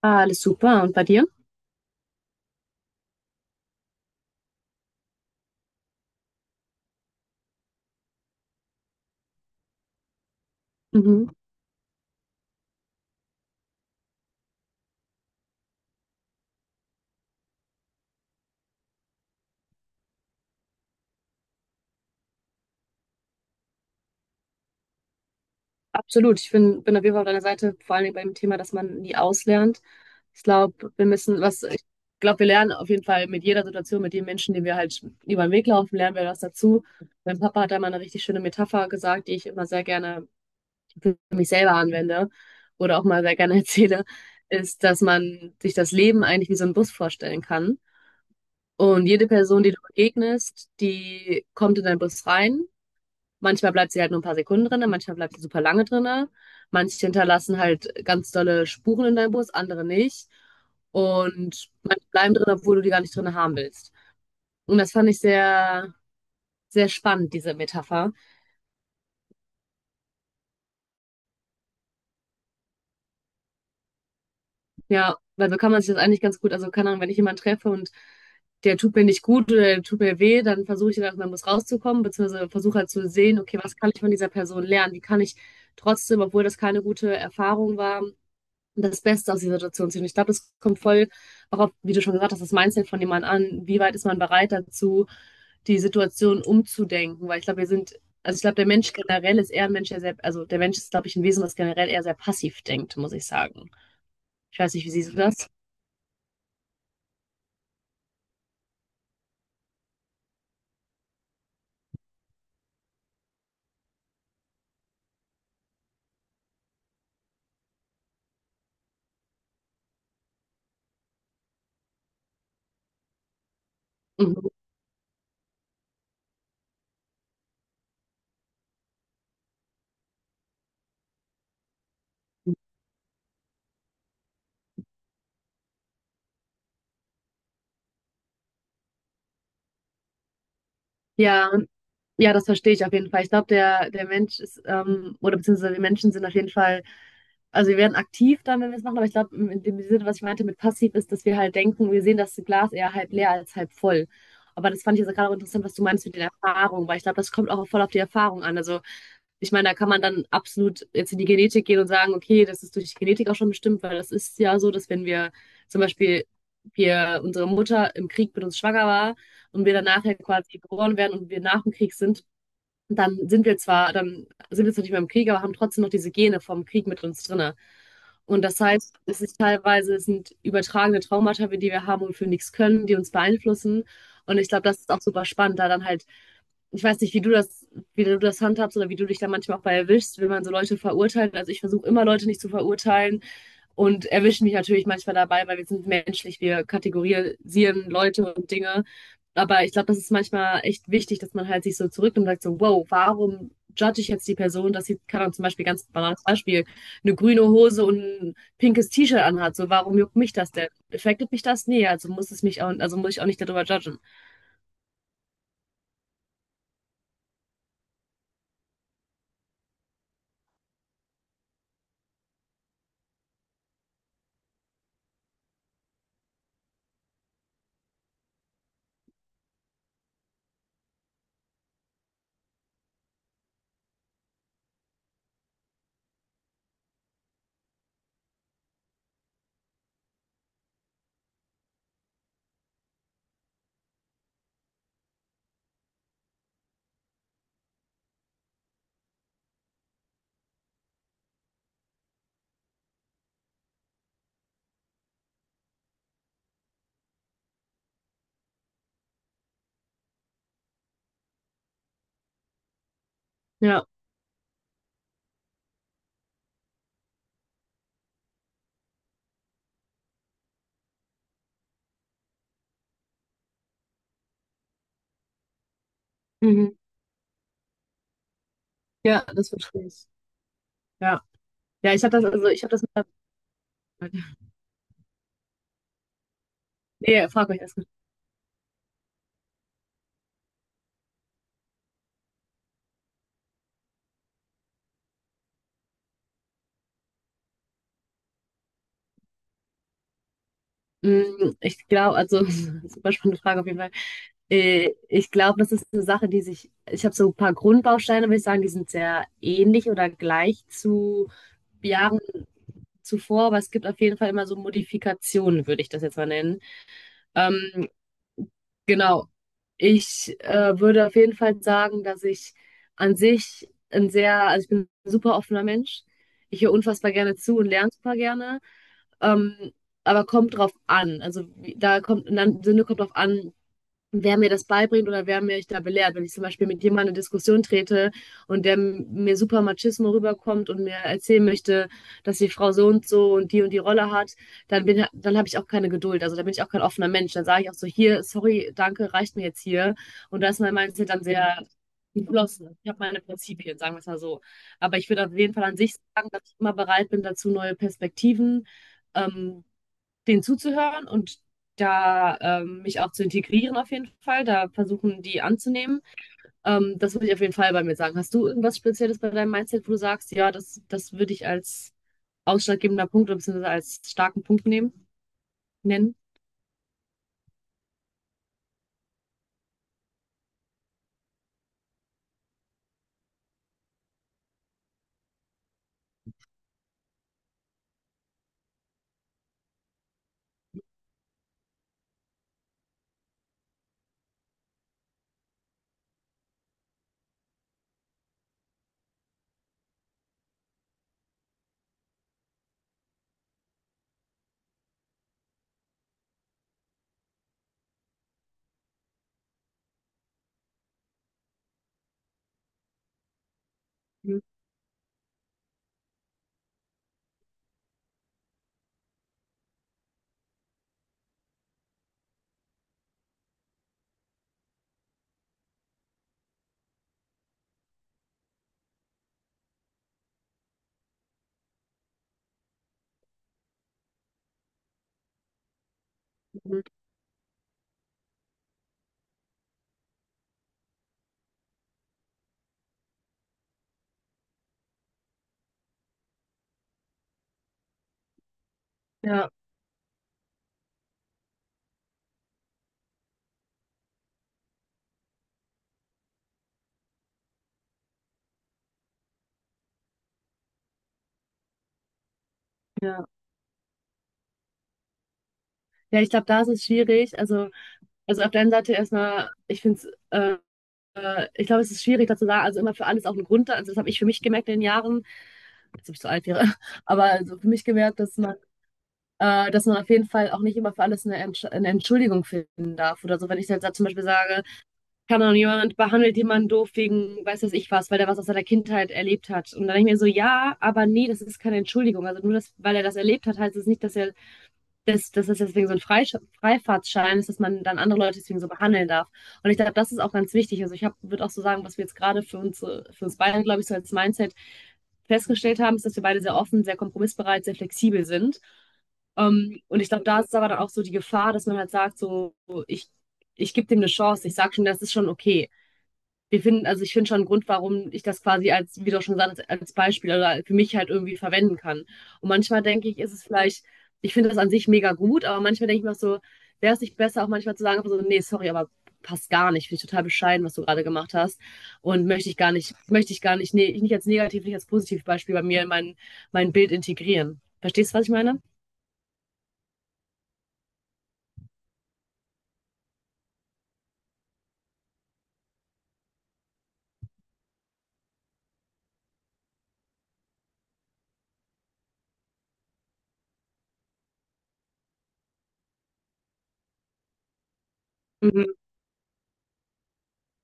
Ah, alles super. Und bei dir? Mhm. Absolut. Ich bin auf jeden Fall auf deiner Seite, vor allen allem beim Thema, dass man nie auslernt. Ich glaube, wir müssen, was, ich glaube, wir lernen auf jeden Fall mit jeder Situation, mit den Menschen, die wir halt über den Weg laufen, lernen wir was dazu. Mein Papa hat da mal eine richtig schöne Metapher gesagt, die ich immer sehr gerne für mich selber anwende oder auch mal sehr gerne erzähle, ist, dass man sich das Leben eigentlich wie so einen Bus vorstellen kann. Und jede Person, die du begegnest, die kommt in deinen Bus rein. Manchmal bleibt sie halt nur ein paar Sekunden drinne, manchmal bleibt sie super lange drinne. Manche hinterlassen halt ganz dolle Spuren in deinem Bus, andere nicht. Und manche bleiben drin, obwohl du die gar nicht drin haben willst. Und das fand ich sehr, sehr spannend, diese Metapher. Ja, weil so kann man sich das eigentlich ganz gut, also keine Ahnung, wenn ich jemanden treffe und der tut mir nicht gut oder der tut mir weh, dann versuche ich dann aus meinem Bus rauszukommen, beziehungsweise versuche halt zu sehen, okay, was kann ich von dieser Person lernen? Wie kann ich trotzdem, obwohl das keine gute Erfahrung war, das Beste aus dieser Situation ziehen. Ich glaube, das kommt voll auch auf, wie du schon gesagt hast, das Mindset von jemand an. Wie weit ist man bereit dazu, die Situation umzudenken? Weil ich glaube, wir sind, also ich glaube, der Mensch generell ist eher ein Mensch, der sehr, also der Mensch ist, glaube ich, ein Wesen, das generell eher sehr passiv denkt, muss ich sagen. Ich weiß nicht, wie siehst du das? Mhm. Ja, und ja, das verstehe ich auf jeden Fall. Ich glaube, der, der Mensch ist, oder beziehungsweise wir Menschen sind auf jeden Fall, also wir werden aktiv dann, wenn wir es machen, aber ich glaube, in dem Sinne, was ich meinte mit passiv, ist, dass wir halt denken, wir sehen das Glas eher halb leer als halb voll. Aber das fand ich jetzt gerade auch interessant, was du meinst mit den Erfahrungen, weil ich glaube, das kommt auch voll auf die Erfahrung an. Also ich meine, da kann man dann absolut jetzt in die Genetik gehen und sagen, okay, das ist durch die Genetik auch schon bestimmt, weil das ist ja so, dass wenn wir zum Beispiel wir, unsere Mutter im Krieg mit uns schwanger war und wir dann nachher quasi geboren werden und wir nach dem Krieg sind, dann sind wir zwar nicht mehr im Krieg, aber haben trotzdem noch diese Gene vom Krieg mit uns drinne. Und das heißt, es ist teilweise, es sind übertragene Traumata, die wir haben und für nichts können, die uns beeinflussen. Und ich glaube, das ist auch super spannend, da dann halt, ich weiß nicht, wie du das handhabst oder wie du dich da manchmal auch bei erwischst, wenn man so Leute verurteilt. Also ich versuche immer Leute nicht zu verurteilen und erwischen mich natürlich manchmal dabei, weil wir sind menschlich, wir kategorisieren Leute und Dinge. Aber ich glaube, das ist manchmal echt wichtig, dass man halt sich so zurücknimmt und sagt so, wow, warum judge ich jetzt die Person, dass sie, keine Ahnung, zum Beispiel ganz banales Beispiel, eine grüne Hose und ein pinkes T-Shirt anhat. So, warum juckt mich das denn? Affectet mich das? Nee, also muss es mich auch, also muss ich auch nicht darüber judgen. Ja. Mhm. Ja, das verstehe ich. Ja. Ja, ich habe das, also ich habe das. Nee, frag euch erst. Mm, ich glaube, also, super spannende Frage auf jeden Fall. Ich glaube, das ist eine Sache, die sich, ich habe so ein paar Grundbausteine, würde ich sagen, die sind sehr ähnlich oder gleich zu Jahren zuvor, aber es gibt auf jeden Fall immer so Modifikationen, würde ich das jetzt mal nennen. Ähm, genau. Ich würde auf jeden Fall sagen, dass ich an sich ein sehr, also ich bin ein super offener Mensch. Ich höre unfassbar gerne zu und lerne super gerne. Ähm, aber kommt drauf an. Also da kommt, in einem Sinne kommt drauf an, wer mir das beibringt oder wer mich da belehrt. Wenn ich zum Beispiel mit jemandem in eine Diskussion trete und der mir super Machismo rüberkommt und mir erzählen möchte, dass die Frau so und so und die Rolle hat, dann bin, dann habe ich auch keine Geduld. Also da bin ich auch kein offener Mensch. Dann sage ich auch so, hier, sorry, danke, reicht mir jetzt hier. Und da ist mein Mindset dann sehr geschlossen. Ich habe meine Prinzipien, sagen wir es mal so. Aber ich würde auf jeden Fall an sich sagen, dass ich immer bereit bin dazu, neue Perspektiven ähm, denen zuzuhören und da mich auch zu integrieren auf jeden Fall, da versuchen die anzunehmen. Das würde ich auf jeden Fall bei mir sagen. Hast du irgendwas Spezielles bei deinem Mindset, wo du sagst, ja, das, das würde ich als ausschlaggebender Punkt oder beziehungsweise als starken Punkt nehmen, nennen? Mhm. Ja, ja. Ja, ich glaube, da ist es schwierig. Also auf der einen Seite erstmal, ich finde es, ich glaube, es ist schwierig, dazu sagen, also immer für alles auch einen Grund. Also das habe ich für mich gemerkt in den Jahren, jetzt bin ich so alt wäre, aber also für mich gemerkt, dass man auf jeden Fall auch nicht immer für alles eine, Entsch eine Entschuldigung finden darf oder so. Wenn ich jetzt da zum Beispiel sage, kann auch jemand behandelt jemanden doof wegen, weiß das ich was, weil er was aus seiner Kindheit erlebt hat. Und dann denke ich mir so, ja, aber nee, das ist keine Entschuldigung. Also nur das, weil er das erlebt hat, heißt es nicht, dass er das, das ist deswegen so ein Freifahrtschein ist, dass man dann andere Leute deswegen so behandeln darf. Und ich glaube, das ist auch ganz wichtig. Also ich würde auch so sagen, was wir jetzt gerade für uns beide, glaube ich, so als Mindset festgestellt haben, ist, dass wir beide sehr offen, sehr kompromissbereit, sehr flexibel sind. Und ich glaube, da ist aber dann auch so die Gefahr, dass man halt sagt, so, ich, ich gebe dem eine Chance, ich sage schon, das ist schon okay. Wir finden, also ich finde schon einen Grund, warum ich das quasi als, wie du auch schon gesagt hast, als Beispiel oder für mich halt irgendwie verwenden kann. Und manchmal denke ich, ist es vielleicht, ich finde das an sich mega gut, aber manchmal denke ich mir auch so, wäre es nicht besser, auch manchmal zu sagen, so, nee, sorry, aber passt gar nicht, finde ich total bescheiden, was du gerade gemacht hast. Und möchte ich gar nicht, nee, nicht als negativ, nicht als positiv Beispiel bei mir in mein Bild integrieren. Verstehst du, was ich meine? Mhm.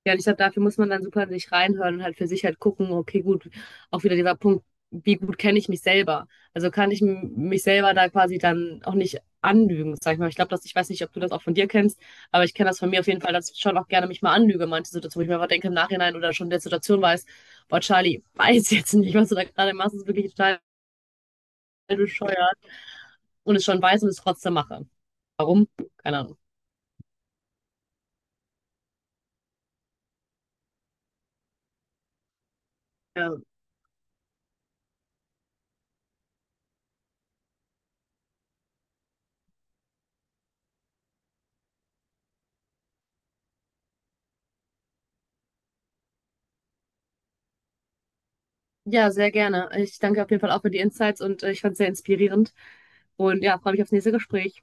Ja, und ich glaube, dafür muss man dann super in sich reinhören und halt für sich halt gucken, okay, gut, auch wieder dieser Punkt, wie gut kenne ich mich selber? Also kann ich mich selber da quasi dann auch nicht anlügen, sag ich mal. Ich glaube, dass, ich weiß nicht, ob du das auch von dir kennst, aber ich kenne das von mir auf jeden Fall, dass ich schon auch gerne mich mal anlüge, manche Situationen, wo ich mir einfach denke im Nachhinein oder schon in der Situation weiß, boah, Charlie, weiß jetzt nicht, was du da gerade machst, ist wirklich total bescheuert und es schon weiß und es trotzdem mache. Warum? Keine Ahnung. Ja, ja sehr gerne. Ich danke auf jeden Fall auch für die Insights und ich fand es sehr inspirierend. Und ja, freue mich aufs nächste Gespräch.